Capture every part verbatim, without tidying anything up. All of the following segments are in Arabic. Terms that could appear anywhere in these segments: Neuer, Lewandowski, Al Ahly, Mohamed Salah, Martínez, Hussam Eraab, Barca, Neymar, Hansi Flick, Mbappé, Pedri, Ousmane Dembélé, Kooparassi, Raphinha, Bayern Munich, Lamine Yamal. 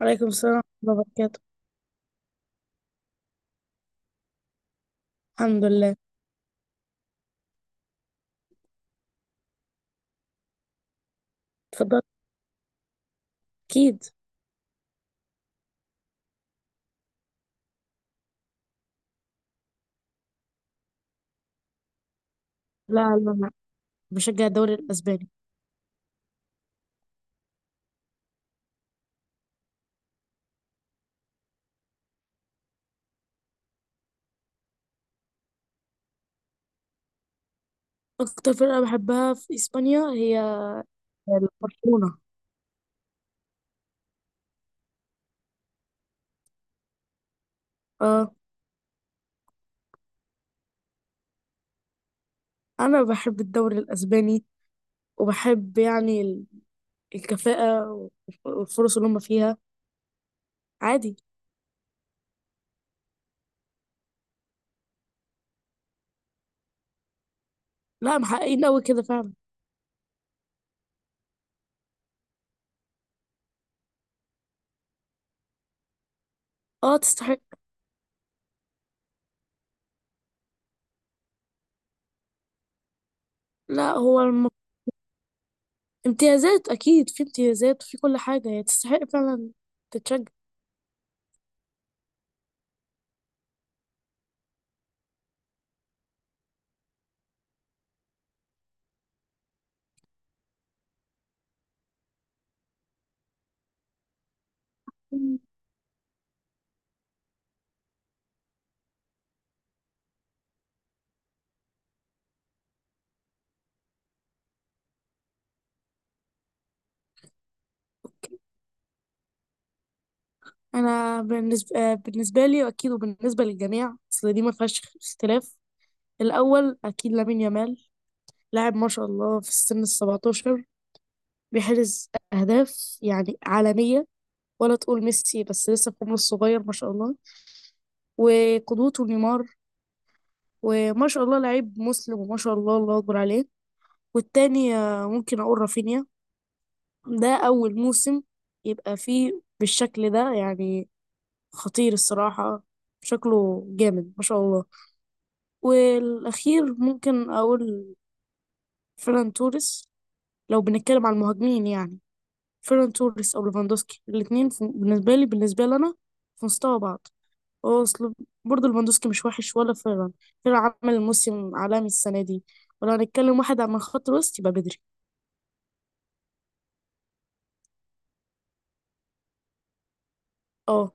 وعليكم السلام ورحمة الله وبركاته. الحمد لله. اتفضل. أكيد. لا لا لا، بشجع الدوري الأسباني. أكتر فرقة بحبها في إسبانيا هي برشلونة. اه. أنا بحب الدوري الأسباني وبحب يعني ال- الكفاءة والفرص اللي هم فيها. عادي. لا، محققين أوي كده فعلا. اه تستحق. لا هو الم... امتيازات. أكيد في امتيازات وفي كل حاجة، هي تستحق فعلا تتشجع. انا بالنسبه آه، بالنسبه لي، واكيد وبالنسبه للجميع، اصل دي ما فيهاش اختلاف. الاول اكيد لامين يامال. لاعب ما شاء الله، في السن ال سبعتاشر بيحرز اهداف يعني عالميه. ولا تقول ميسي، بس لسه في عمره الصغير ما شاء الله، وقدوته نيمار. وما شاء الله لعيب مسلم، وما شاء الله الله اكبر عليه. والتاني آه، ممكن اقول رافينيا. ده اول موسم يبقى فيه بالشكل ده، يعني خطير الصراحه. شكله جامد ما شاء الله. والأخير ممكن أقول فيران توريس. لو بنتكلم عن المهاجمين، يعني فيران توريس أو ليفاندوسكي، الاتنين في- بالنسبة لي بالنسبة لنا في مستوى بعض. هو أصل برضه ليفاندوسكي مش وحش ولا فيران. فيران عمل موسم عالمي السنة دي. ولو هنتكلم واحد عن خط الوسط يبقى بدري. اه.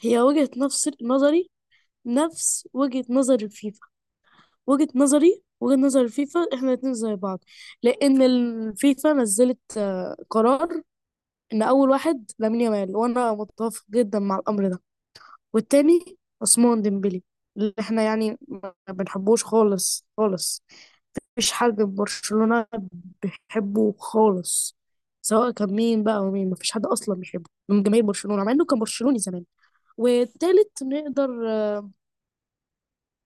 هي وجهة نفس نظري نفس وجهة نظر الفيفا. وجهة نظري وجهة نظر الفيفا، احنا الاتنين زي بعض. لأن الفيفا نزلت آه، قرار ان اول واحد لامين يامال، وانا متفق جدا مع الامر ده. والتاني عثمان ديمبلي، اللي احنا يعني ما بنحبوش خالص خالص. مفيش حد في برشلونة بيحبه خالص، سواء كان مين بقى. ومين؟ مفيش حد اصلا بيحبه من جماهير برشلونة، مع انه كان برشلوني زمان. والتالت نقدر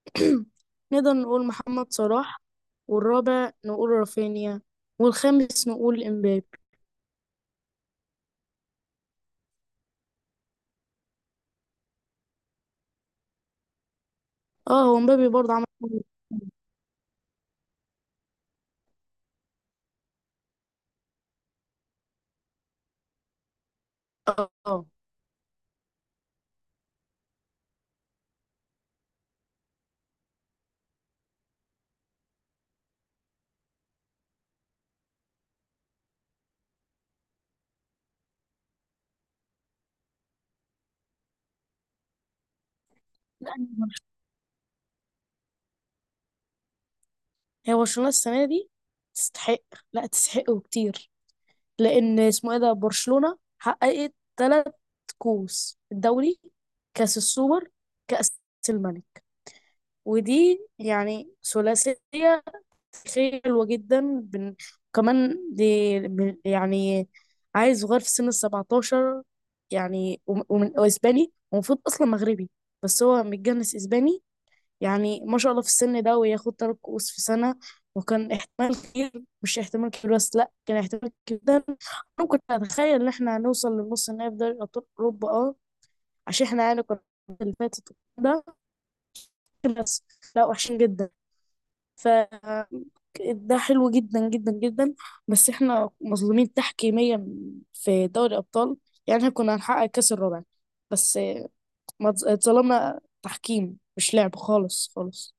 نقدر نقول محمد صلاح. والرابع نقول رافينيا. والخامس نقول امبابي. اه هو امبابي برضه عمل. اه. آه. هي برشلونة السنة دي تستحق؟ لا تستحق وكتير. لأن اسمه ايه ده، برشلونة حققت تلات كؤوس: الدوري، كأس السوبر، كأس الملك. ودي يعني ثلاثية حلوة جدا. بن... كمان دي من- يعني عيل صغير في سن السبعتاشر، يعني وم- ومن وإسباني، ومفروض أصلا مغربي بس هو متجنس إسباني. يعني ما شاء الله في السن ده وياخد تلات كؤوس في سنة. وكان احتمال كبير، مش احتمال كبير بس، لا كان احتمال كبير جدا، انا كنت اتخيل ان احنا هنوصل للنص النهائي في دوري ابطال اوروبا. اه عشان احنا يعني كنا اللي فاتت ده بس لا، وحشين جدا. ف ده حلو جدا جدا جدا. بس احنا مظلومين تحكيميا في دوري الابطال. يعني احنا كنا هنحقق الكاس الرابع بس ما اتظ- اتظلمنا تحكيم، مش لعب خالص خالص.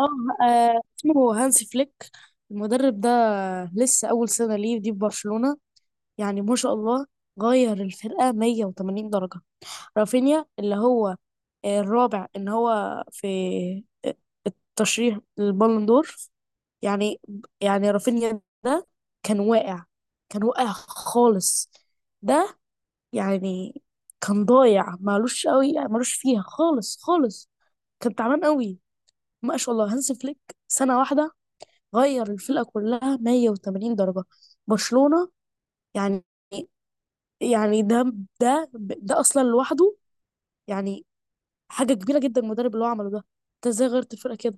اه. آه، اسمه هانسي فليك المدرب ده. لسه اول سنه ليه دي في برشلونه. يعني ما شاء الله غير الفرقه مية وتمانين درجه. رافينيا اللي هو آه، الرابع ان هو في ترشيح البالون دور، يعني يعني رافينيا ده كان واقع، كان واقع خالص. ده يعني كان ضايع، مالوش قوي، مالوش فيها خالص خالص، كان تعبان قوي. ما شاء الله هانسي فليك، سنه واحده غير الفرقة كلها مية وتمانين درجة. برشلونة يعني. يعني ده ده ده اصلا لوحده يعني حاجة كبيرة جدا، المدرب اللي هو عمله ده. انت ازاي غيرت الفرقة كده؟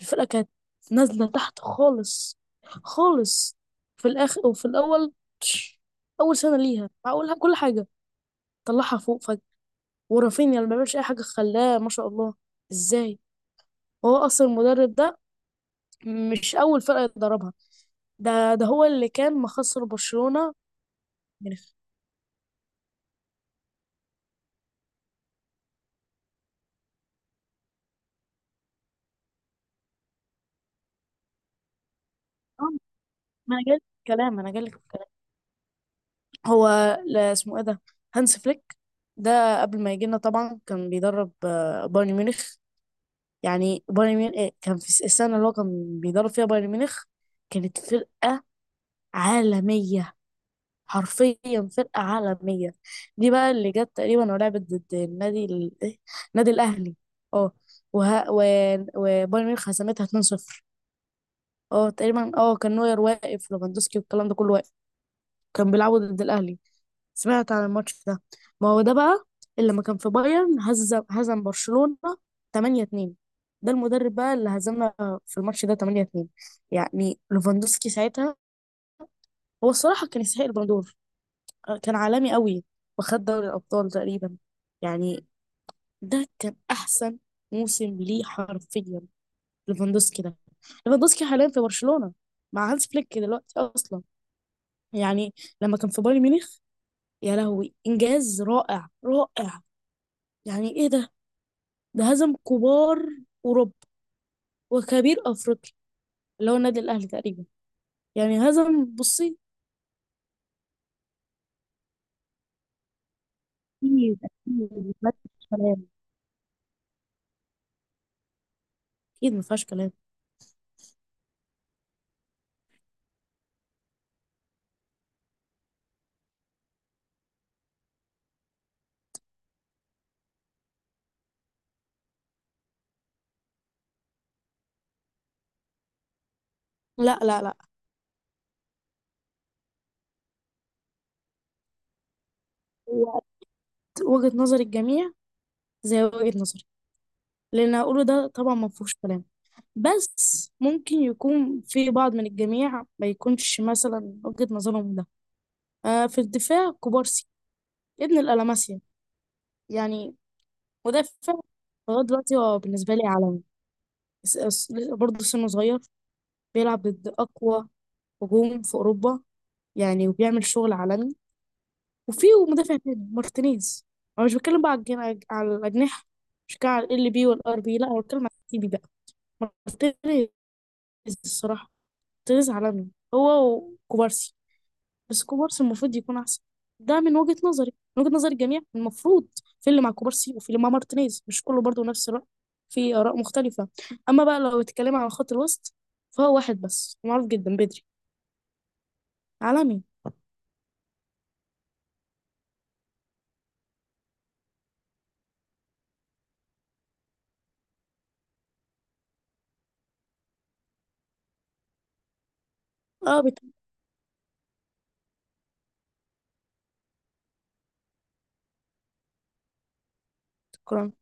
الفرقة كانت نازلة تحت خالص خالص، في الاخر وفي الاول. تش، اول سنة ليها، معقول كل حاجة طلعها فوق فجأة؟ ورافينيا اللي ما بيعملش اي حاجة خلاه ما شاء الله. ازاي؟ هو اصلا المدرب ده مش اول فرقة يدربها. ده ده هو اللي كان مخسر برشلونة من... ما انا جايلك في الكلام، انا جايلك في الكلام. هو لا اسمه ايه ده، هانس فليك ده، قبل ما يجي لنا طبعا كان بيدرب آه، بايرن ميونخ. يعني بايرن ميونخ إيه، كان في السنه اللي هو كان بيدرب فيها بايرن ميونخ كانت فرقه عالميه، حرفيا فرقه عالميه. دي بقى اللي جت تقريبا ولعبت ضد النادي ال- إيه؟ النادي الاهلي. اه. وه... و... وبايرن ميونخ هزمتها اتنين صفر. اه تقريبا. اه كان نوير واقف، ليفاندوسكي والكلام ده كله واقف، كان بيلعبوا ضد الاهلي. سمعت عن الماتش ده؟ ما هو ده بقى اللي لما كان في بايرن هزم هزم برشلونة تمانية اتنين. ده المدرب بقى اللي هزمنا في الماتش ده تمانية اتنين. يعني ليفاندوسكي ساعتها هو الصراحة كان يستحق البالون دور. آه، كان عالمي قوي وخد دوري الأبطال تقريبا. يعني ده كان أحسن موسم ليه حرفيا، ليفاندوسكي ده. ليفاندوسكي حاليا في برشلونة مع هانز فليك دلوقتي أصلا. يعني لما كان في بايرن ميونخ، يا لهوي إنجاز رائع رائع. يعني إيه ده! ده هزم كبار أوروبا وكبير أفريقيا اللي هو النادي الأهلي تقريبا. يعني هزم. بصي، أكيد أكيد مفيهاش كلام. أكيد مفيهاش كلام. لا لا لا. هو وجهة نظر الجميع زي وجهة نظري، اللي أنا هقوله ده طبعا مفيهوش كلام، بس ممكن يكون في بعض من الجميع ما يكونش مثلا وجهة نظرهم ده. آه، في الدفاع كوبارسي، ابن الألماسيا، يعني يعني مدافع لغاية دلوقتي هو بالنسبة لي عالمي. س- س- برضه سنه صغير، بيلعب ضد أقوى هجوم في اوروبا يعني، وبيعمل شغل عالمي. وفي مدافع تاني مارتينيز. انا مش بتكلم بقى على الجنا- على الاجنحه، مش بتكلم على ال بي والار بي، لا انا بتكلم على التي بي بقى. مارتينيز الصراحه، مارتينيز عالمي هو وكوبارسي، بس كوبارسي المفروض يكون احسن. ده من وجهه نظري. من وجهه نظر الجميع المفروض، في اللي مع كوبارسي وفي اللي مع مارتينيز، مش كله برضه نفس الرأي، في آراء مختلفة. أما بقى لو اتكلم عن خط الوسط، فهو واحد بس معروف جدا، بدري، عالمي. اه بتاع الكرة.